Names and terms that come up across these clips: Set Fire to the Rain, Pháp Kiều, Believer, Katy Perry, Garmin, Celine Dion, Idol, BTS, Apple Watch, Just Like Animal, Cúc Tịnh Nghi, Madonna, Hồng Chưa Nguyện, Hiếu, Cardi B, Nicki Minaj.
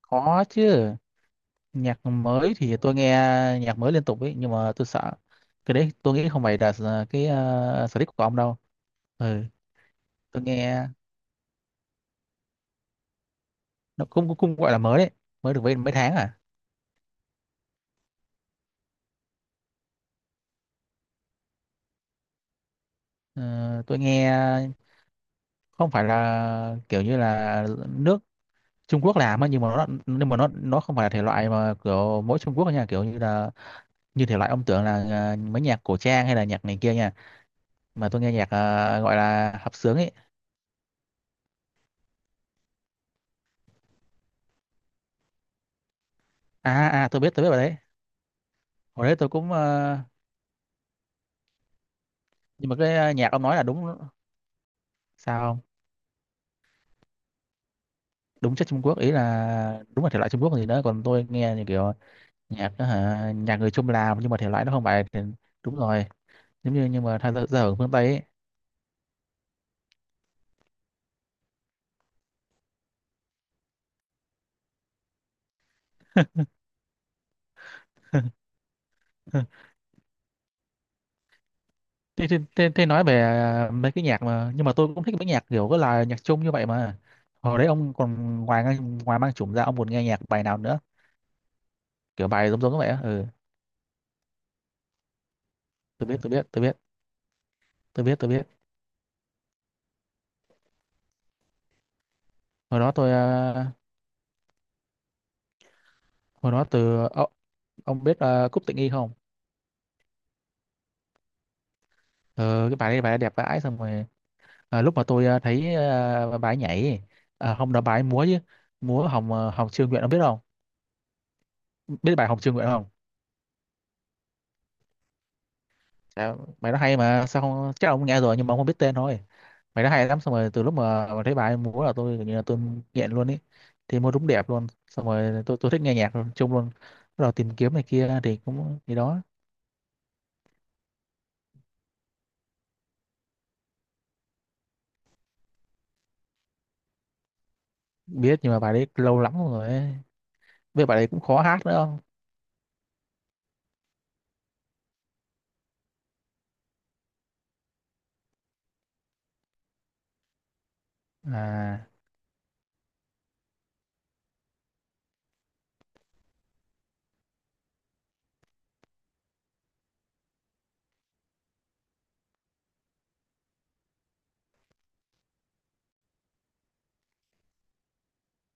Có chứ, nhạc mới thì tôi nghe nhạc mới liên tục ấy, nhưng mà tôi sợ cái đấy tôi nghĩ không phải là sở thích của ông đâu. Ừ, tôi nghe nó cũng cũng gọi là mới đấy, mới được mấy mấy tháng à. Ờ, tôi nghe không phải là kiểu như là nước Trung Quốc làm á, nhưng mà nó nó không phải là thể loại mà kiểu mỗi Trung Quốc nha, kiểu như là như thể loại ông tưởng là mấy nhạc cổ trang hay là nhạc này kia nha, mà tôi nghe nhạc gọi là hợp xướng ấy. À à à, tôi biết, tôi biết rồi đấy. Hồi đấy tôi cũng nhưng mà cái nhạc ông nói là đúng sao không đúng chất Trung Quốc, ý là đúng là thể loại Trung Quốc gì đó, còn tôi nghe như kiểu nhạc đó hả, nhạc người Trung làm nhưng mà thể loại nó không phải thì đúng rồi, giống như nhưng mà thay ra ra ở phương Tây ấy. Thế, nói về mấy cái nhạc mà nhưng mà tôi cũng thích mấy nhạc kiểu có là nhạc Trung như vậy mà hồi đấy ông còn ngoài ngoài mang chủng ra ông còn nghe nhạc bài nào nữa, kiểu bài giống giống như vậy á, ừ tôi biết tôi biết tôi biết tôi biết tôi biết hồi đó tôi hồi đó từ ông biết Cúc Tịnh Nghi không? Ờ, cái bài đấy bài ấy đẹp vãi, xong rồi lúc mà tôi thấy bài ấy nhảy, không đó bài ấy múa chứ, múa Hồng Hồng Chưa Nguyện ông biết không, biết bài Hồng Chưa Nguyện không? Dạ, bài nó hay mà sao không, chắc ông nghe rồi nhưng mà ông không biết tên thôi, bài nó hay lắm, xong rồi từ lúc mà thấy bài ấy múa là tôi kiểu như là tôi nghiện luôn ý, thì múa đúng đẹp luôn, xong rồi tôi thích nghe nhạc luôn, chung luôn, bắt đầu tìm kiếm này kia thì cũng gì đó. Biết nhưng mà bài đấy lâu lắm rồi ấy. Với bài đấy cũng khó hát nữa không? À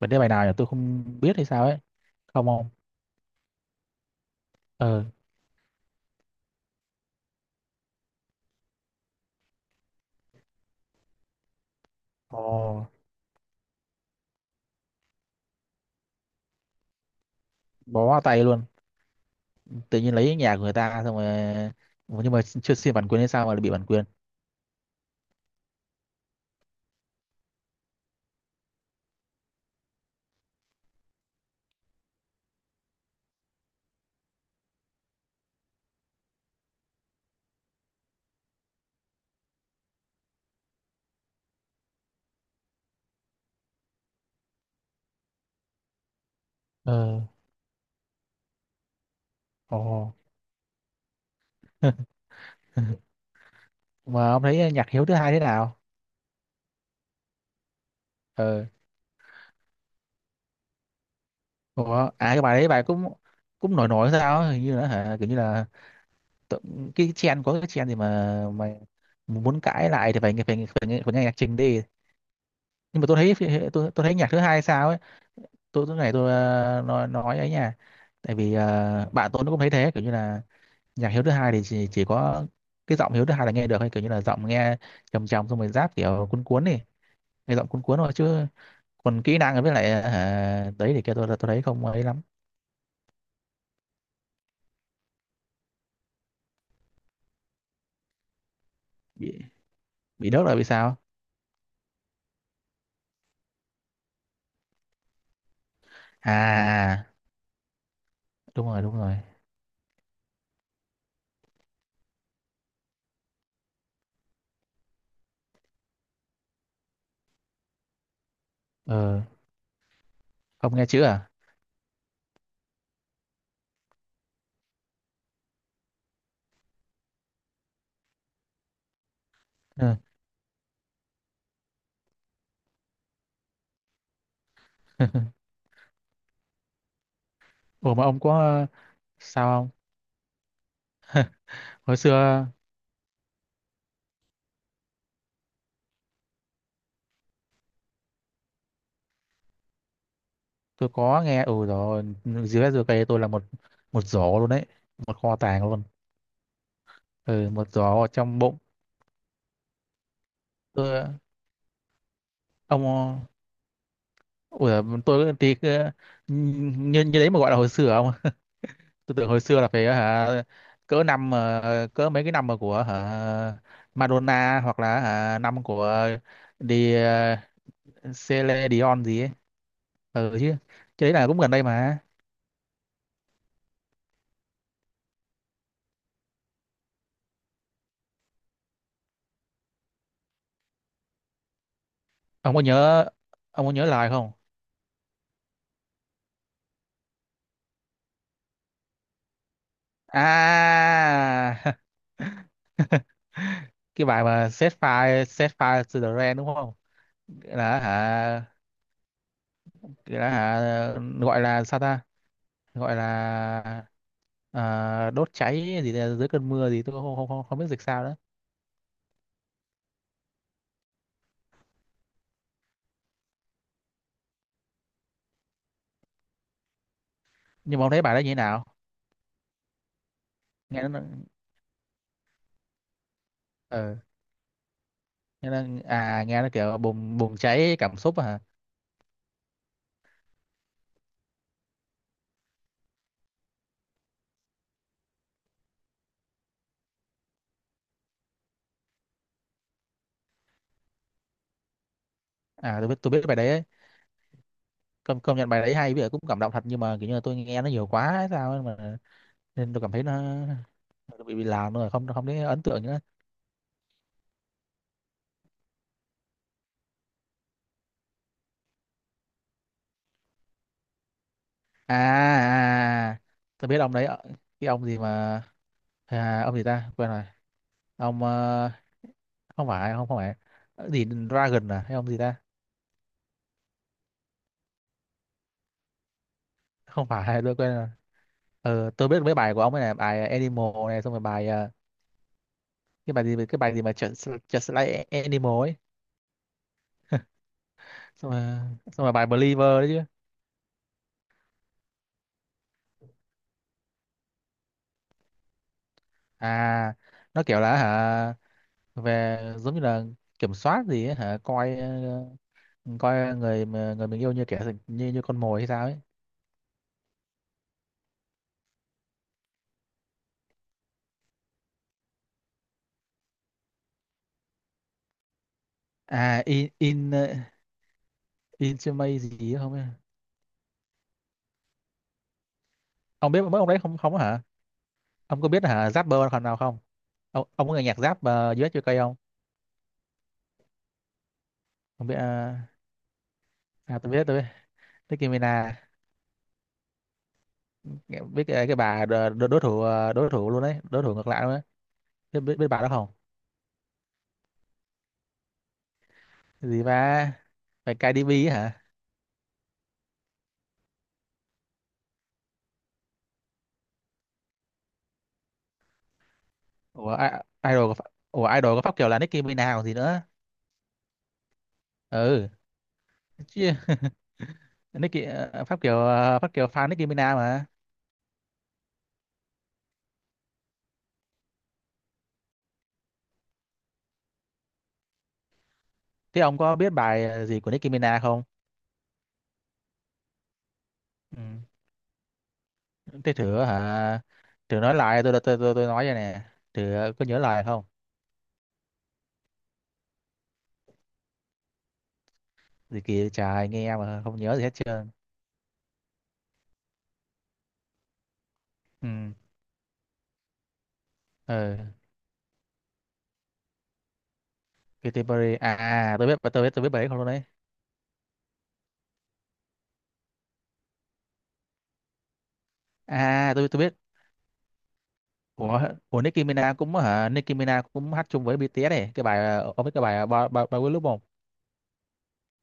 bài đấy bài nào nhỉ? Tôi không biết hay sao ấy, không không. Ừ. Ồ, bó vào tay luôn. Tự nhiên lấy nhà của người ta xong rồi. Ủa, nhưng mà chưa xin bản quyền hay sao mà lại bị bản quyền. Ờ, ồ. Mà ông thấy nhạc Hiếu thứ hai thế nào? Ờ, ủa, cái bài đấy bài cũng cũng nổi nổi sao ấy, hình như là hả, kiểu như là tự- cái trend, có cái trend gì mà muốn cãi lại thì phải nghe nhạc trình đi. Nhưng mà tôi thấy tôi thấy nhạc thứ hai sao ấy, tôi nói ấy nha. Tại vì bạn tôi nó cũng thấy thế, kiểu như là nhạc Hiếu thứ hai thì chỉ có cái giọng Hiếu thứ hai là nghe được hay, kiểu như là giọng nghe trầm trầm, xong rồi rap kiểu cuốn cuốn đi, nghe giọng cuốn cuốn thôi, chứ còn kỹ năng với lại đấy thì kia tôi thấy không ấy lắm. Bị bị đớt là bị sao? À à, đúng rồi đúng rồi. Ờ không nghe chữ à. Ừ. Ủa mà ông có sao không, hồi xưa tôi có nghe ừ rồi, dưới dưới cây tôi là một một giỏ luôn đấy, một kho tàng luôn. Ừ một giỏ trong bụng tôi ông. Ủa, như như đấy mà gọi là hồi xưa không? Tôi tưởng hồi xưa là phải hả cỡ năm cỡ mấy cái năm mà của hả Madonna, hoặc là hả, năm của đi ờ, Celine Dion gì ấy. Ừ chứ. Cái đấy là cũng gần đây mà. Ông có nhớ ông có nhớ lời không? À cái bài mà Set Fire to the Rain đúng không? Là hả là hả gọi là sao ta? Gọi là đốt cháy gì đấy, dưới cơn mưa gì tôi không biết dịch sao nữa. Nhưng mà ông thấy bài đó như thế nào, nghe nó ờ nghe nó nghe nó kiểu bùng bùng cháy cảm xúc à. À tôi biết, tôi biết bài đấy ấy. Công công nhận bài đấy hay, bây giờ cũng cảm động thật, nhưng mà kiểu như là tôi nghe nó nhiều quá hay sao ấy mà, nên tôi cảm thấy nó bị làm rồi, không không thấy ấn tượng nữa. À, à à, à. Tôi biết ông đấy, cái ông gì mà ông gì ta quên rồi, ông không phải không không phải. Ờ, gì Dragon à hay ông gì ta, không phải tôi quên rồi. Tôi biết mấy bài của ông ấy này, bài Animal này, xong rồi bài cái bài gì mà Just Like Animal ấy. xong rồi xong rồi bài Believer đấy chứ. À nó kiểu là hả về giống như là kiểm soát gì ấy, hả coi coi người mà- người mình yêu như kẻ như như con mồi hay sao ấy. À in intimate gì ấy không ấy. Ông biết mấy ông đấy không không hả, ông có biết hả Zapper phần nào không, ông có nghe nhạc Zap US UK không? Không biết à, à tôi biết, tôi biết Nicki Minaj. Biết cái, cái bà đối thủ đối thủ luôn đấy, đối thủ ngược lại luôn đấy, biết, biết, biết bà đó không? Cái gì ba, phải Cardi B ấy hả? Idol của Pháp- ủa idol của Pháp Kiều là Nicki Minaj còn gì nữa. Ừ chứ. Nicki Pháp Kiều fan Nicki Minaj mà. Thế ông có biết bài gì của Nicki Minaj không? Ừ. Thế thử hả, thử nói lại tôi tôi nói vậy nè. Thử có nhớ lại không? Gì kỳ trời, nghe mà không nhớ gì hết trơn. Ừ. Ừ Katy Perry à, tôi biết, tôi biết bài ấy không luôn đấy. À tôi biết của Nicki Minaj cũng hả, Nicki Minaj cũng hát chung với BTS này, cái bài ông biết cái bài ba ba ba lúc không.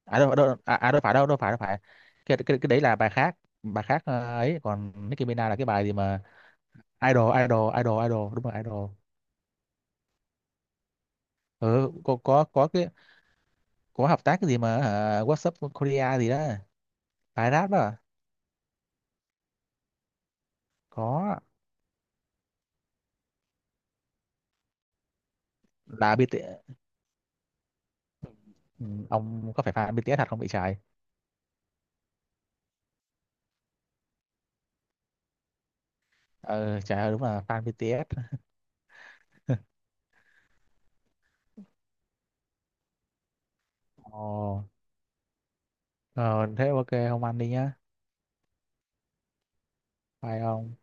À đâu đâu à, à đâu phải cái, cái đấy là bài khác, bài khác ấy, còn Nicki Minaj là cái bài gì mà Idol Idol Idol Idol đúng rồi Idol. Ừ có có cái có hợp tác cái gì mà hả, What's up Korea gì đó, bài rap đó à? Có là BTS. Ừ, ông có phải fan BTS thật không bị trái? Ờ trời ơi đúng là fan BTS. Ồ, ờ, thế ok không ăn đi nhá. Bye ông.